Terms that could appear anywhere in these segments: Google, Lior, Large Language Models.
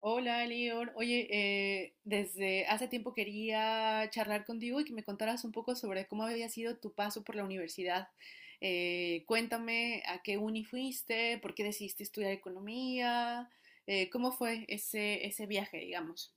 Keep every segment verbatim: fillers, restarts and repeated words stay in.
Hola, Lior. Oye, eh, desde hace tiempo quería charlar contigo y que me contaras un poco sobre cómo había sido tu paso por la universidad. Eh, cuéntame a qué uni fuiste, por qué decidiste estudiar economía, eh, cómo fue ese, ese viaje, digamos.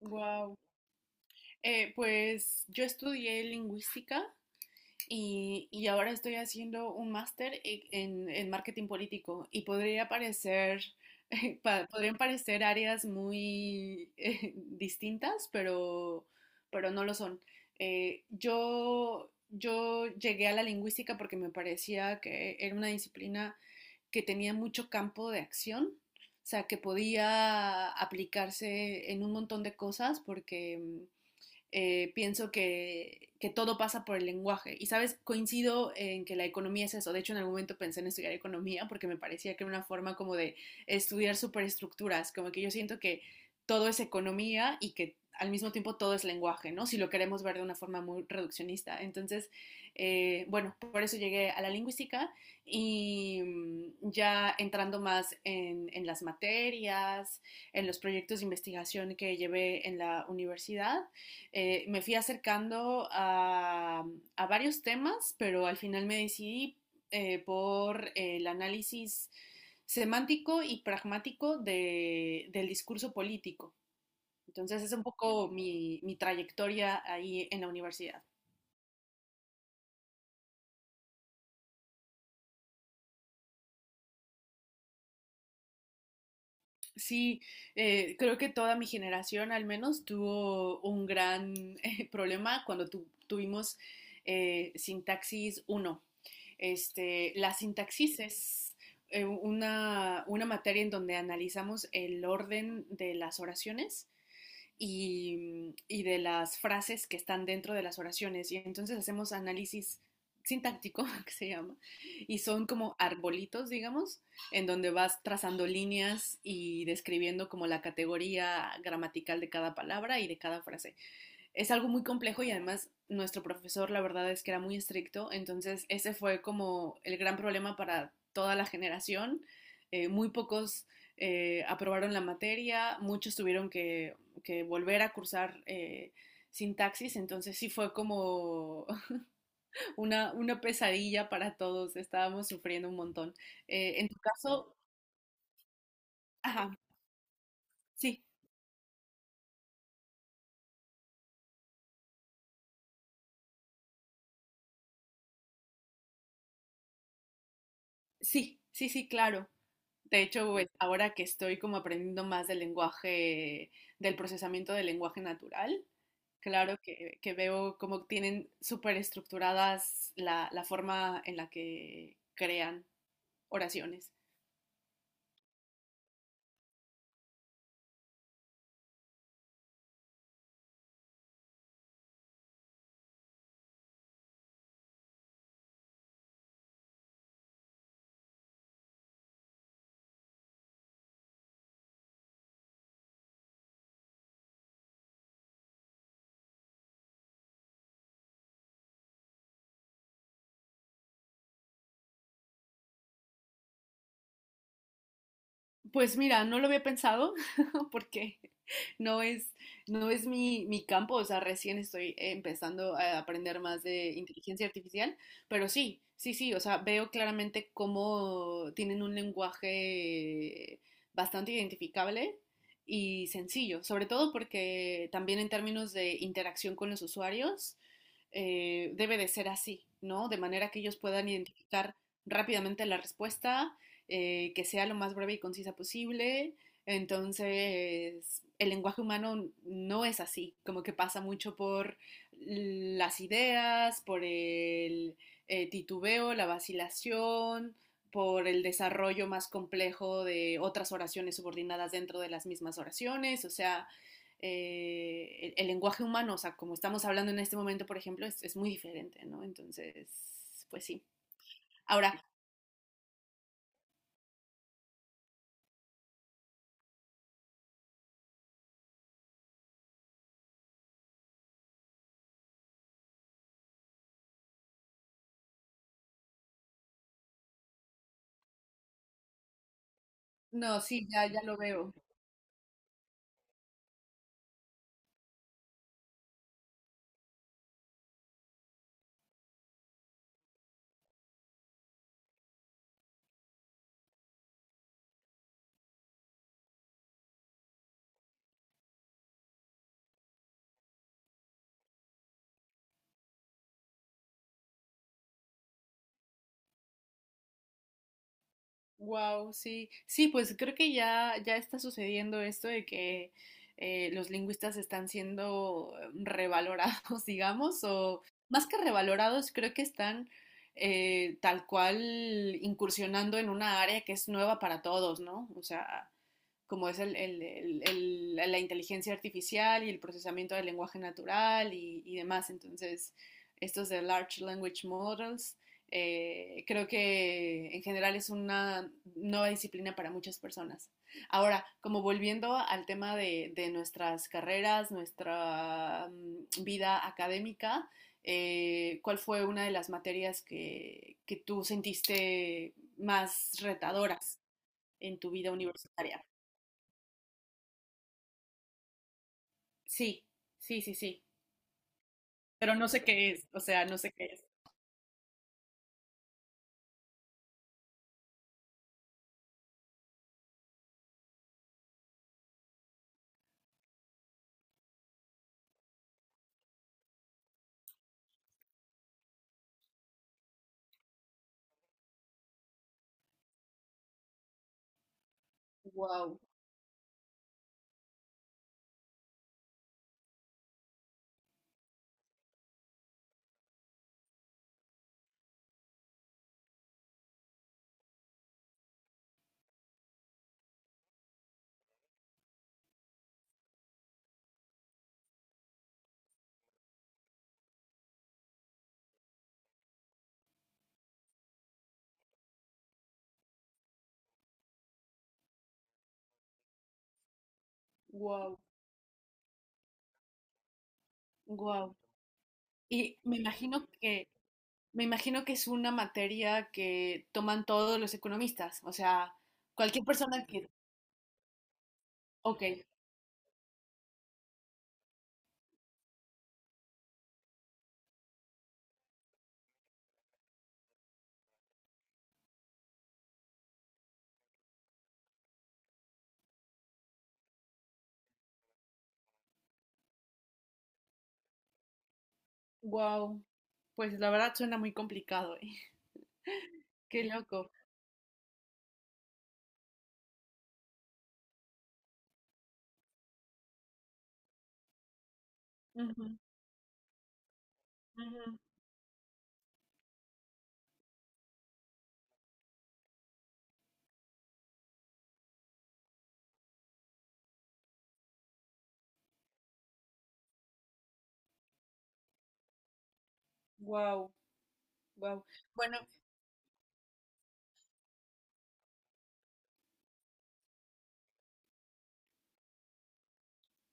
Wow. Pues yo estudié lingüística. Y, y ahora estoy haciendo un máster e- en, en marketing político y podría parecer, pa- podrían parecer áreas muy eh, distintas, pero, pero no lo son. Eh, yo, yo llegué a la lingüística porque me parecía que era una disciplina que tenía mucho campo de acción, o sea, que podía aplicarse en un montón de cosas porque... mm, eh, pienso que, que, todo pasa por el lenguaje. Y sabes, coincido en que la economía es eso. De hecho, en algún momento pensé en estudiar economía porque me parecía que era una forma como de estudiar superestructuras, como que yo siento que todo es economía y que al mismo tiempo todo es lenguaje, ¿no? Si lo queremos ver de una forma muy reduccionista. Entonces, eh, bueno, por eso llegué a la lingüística y mm, ya entrando más en, en, las materias, en los proyectos de investigación que llevé en la universidad, eh, me fui acercando a, a, varios temas, pero al final me decidí eh, por el análisis semántico y pragmático de, del discurso político. Entonces es un poco mi, mi trayectoria ahí en la universidad. Sí, eh, creo que toda mi generación al menos tuvo un gran eh, problema cuando tu, tuvimos eh, sintaxis uno, este, la sintaxises, eh, una, una, materia en donde analizamos el orden de las oraciones y, y de las frases que están dentro de las oraciones. Y entonces hacemos análisis sintáctico, que se llama, y son como arbolitos, digamos, en donde vas trazando líneas y describiendo como la categoría gramatical de cada palabra y de cada frase. Es algo muy complejo y además nuestro profesor la verdad es que era muy estricto, entonces ese fue como el gran problema para toda la generación. Eh, muy pocos eh, aprobaron la materia, muchos tuvieron que, que volver a cursar eh, sintaxis, entonces sí fue como una, una, pesadilla para todos, estábamos sufriendo un montón. Eh, en tu caso, ajá, sí. Sí, sí, sí, claro. De hecho, pues, ahora que estoy como aprendiendo más del lenguaje, del procesamiento del lenguaje natural, claro que, que veo cómo tienen súper estructuradas la, la forma en la que crean oraciones. Pues mira, no lo había pensado porque no es, no es mi, mi campo, o sea, recién estoy empezando a aprender más de inteligencia artificial, pero sí, sí, sí, o sea, veo claramente cómo tienen un lenguaje bastante identificable y sencillo, sobre todo porque también en términos de interacción con los usuarios, eh, debe de ser así, ¿no? De manera que ellos puedan identificar rápidamente la respuesta eh, que sea lo más breve y concisa posible. Entonces, el lenguaje humano no es así, como que pasa mucho por las ideas, por el eh, titubeo, la vacilación, por el desarrollo más complejo de otras oraciones subordinadas dentro de las mismas oraciones, o sea, eh, el, el, lenguaje humano, o sea, como estamos hablando en este momento, por ejemplo, es, es muy diferente, ¿no? Entonces, pues sí. Ahora, no, sí, ya, ya lo veo. Wow, sí. Sí, pues creo que ya, ya está sucediendo esto de que eh, los lingüistas están siendo eh, revalorados, digamos, o más que revalorados, creo que están eh, tal cual incursionando en una área que es nueva para todos, ¿no? O sea, como es el, el, el, el, la inteligencia artificial y el procesamiento del lenguaje natural y, y demás. Entonces, estos de Large Language Models, eh, creo que en general es una nueva disciplina para muchas personas. Ahora, como volviendo al tema de, de nuestras carreras, nuestra um, vida académica, eh, ¿cuál fue una de las materias que, que tú sentiste más retadoras en tu vida universitaria? Sí, sí, sí, sí. Pero no sé qué es, o sea, no sé qué es. Wow, wow, wow. Y me imagino que, me imagino que es una materia que toman todos los economistas, o sea, cualquier persona que, ok, wow. Pues la verdad suena muy complicado, ¿eh? Qué loco. Wow, wow. Bueno.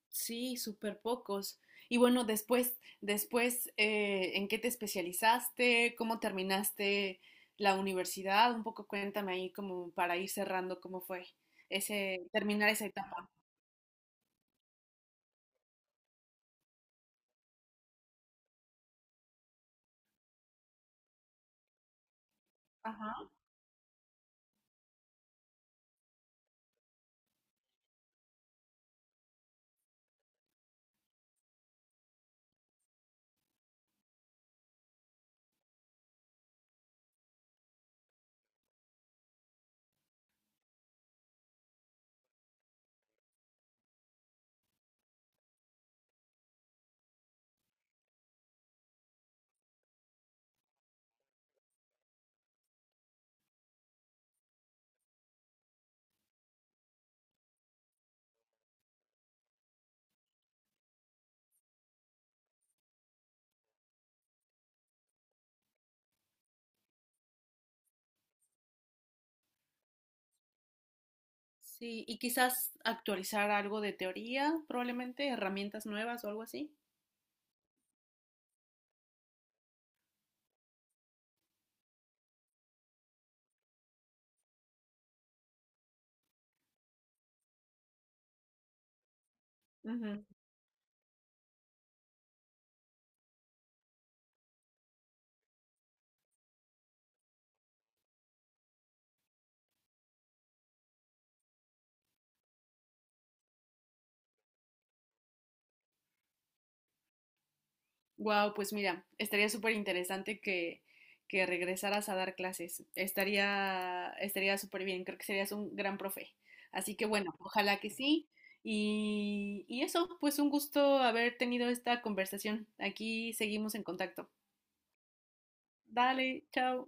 Sí, súper pocos. Y bueno, después, después, eh, ¿en qué te especializaste? ¿Cómo terminaste la universidad? Un poco cuéntame ahí como para ir cerrando cómo fue ese, terminar esa etapa. Ajá. Sí, y quizás actualizar algo de teoría, probablemente, herramientas nuevas o algo así. Wow, pues mira, estaría súper interesante que, que regresaras a dar clases. Estaría, estaría súper bien, creo que serías un gran profe. Así que bueno, ojalá que sí. Y, y eso, pues un gusto haber tenido esta conversación. Aquí seguimos en contacto. Dale, chao.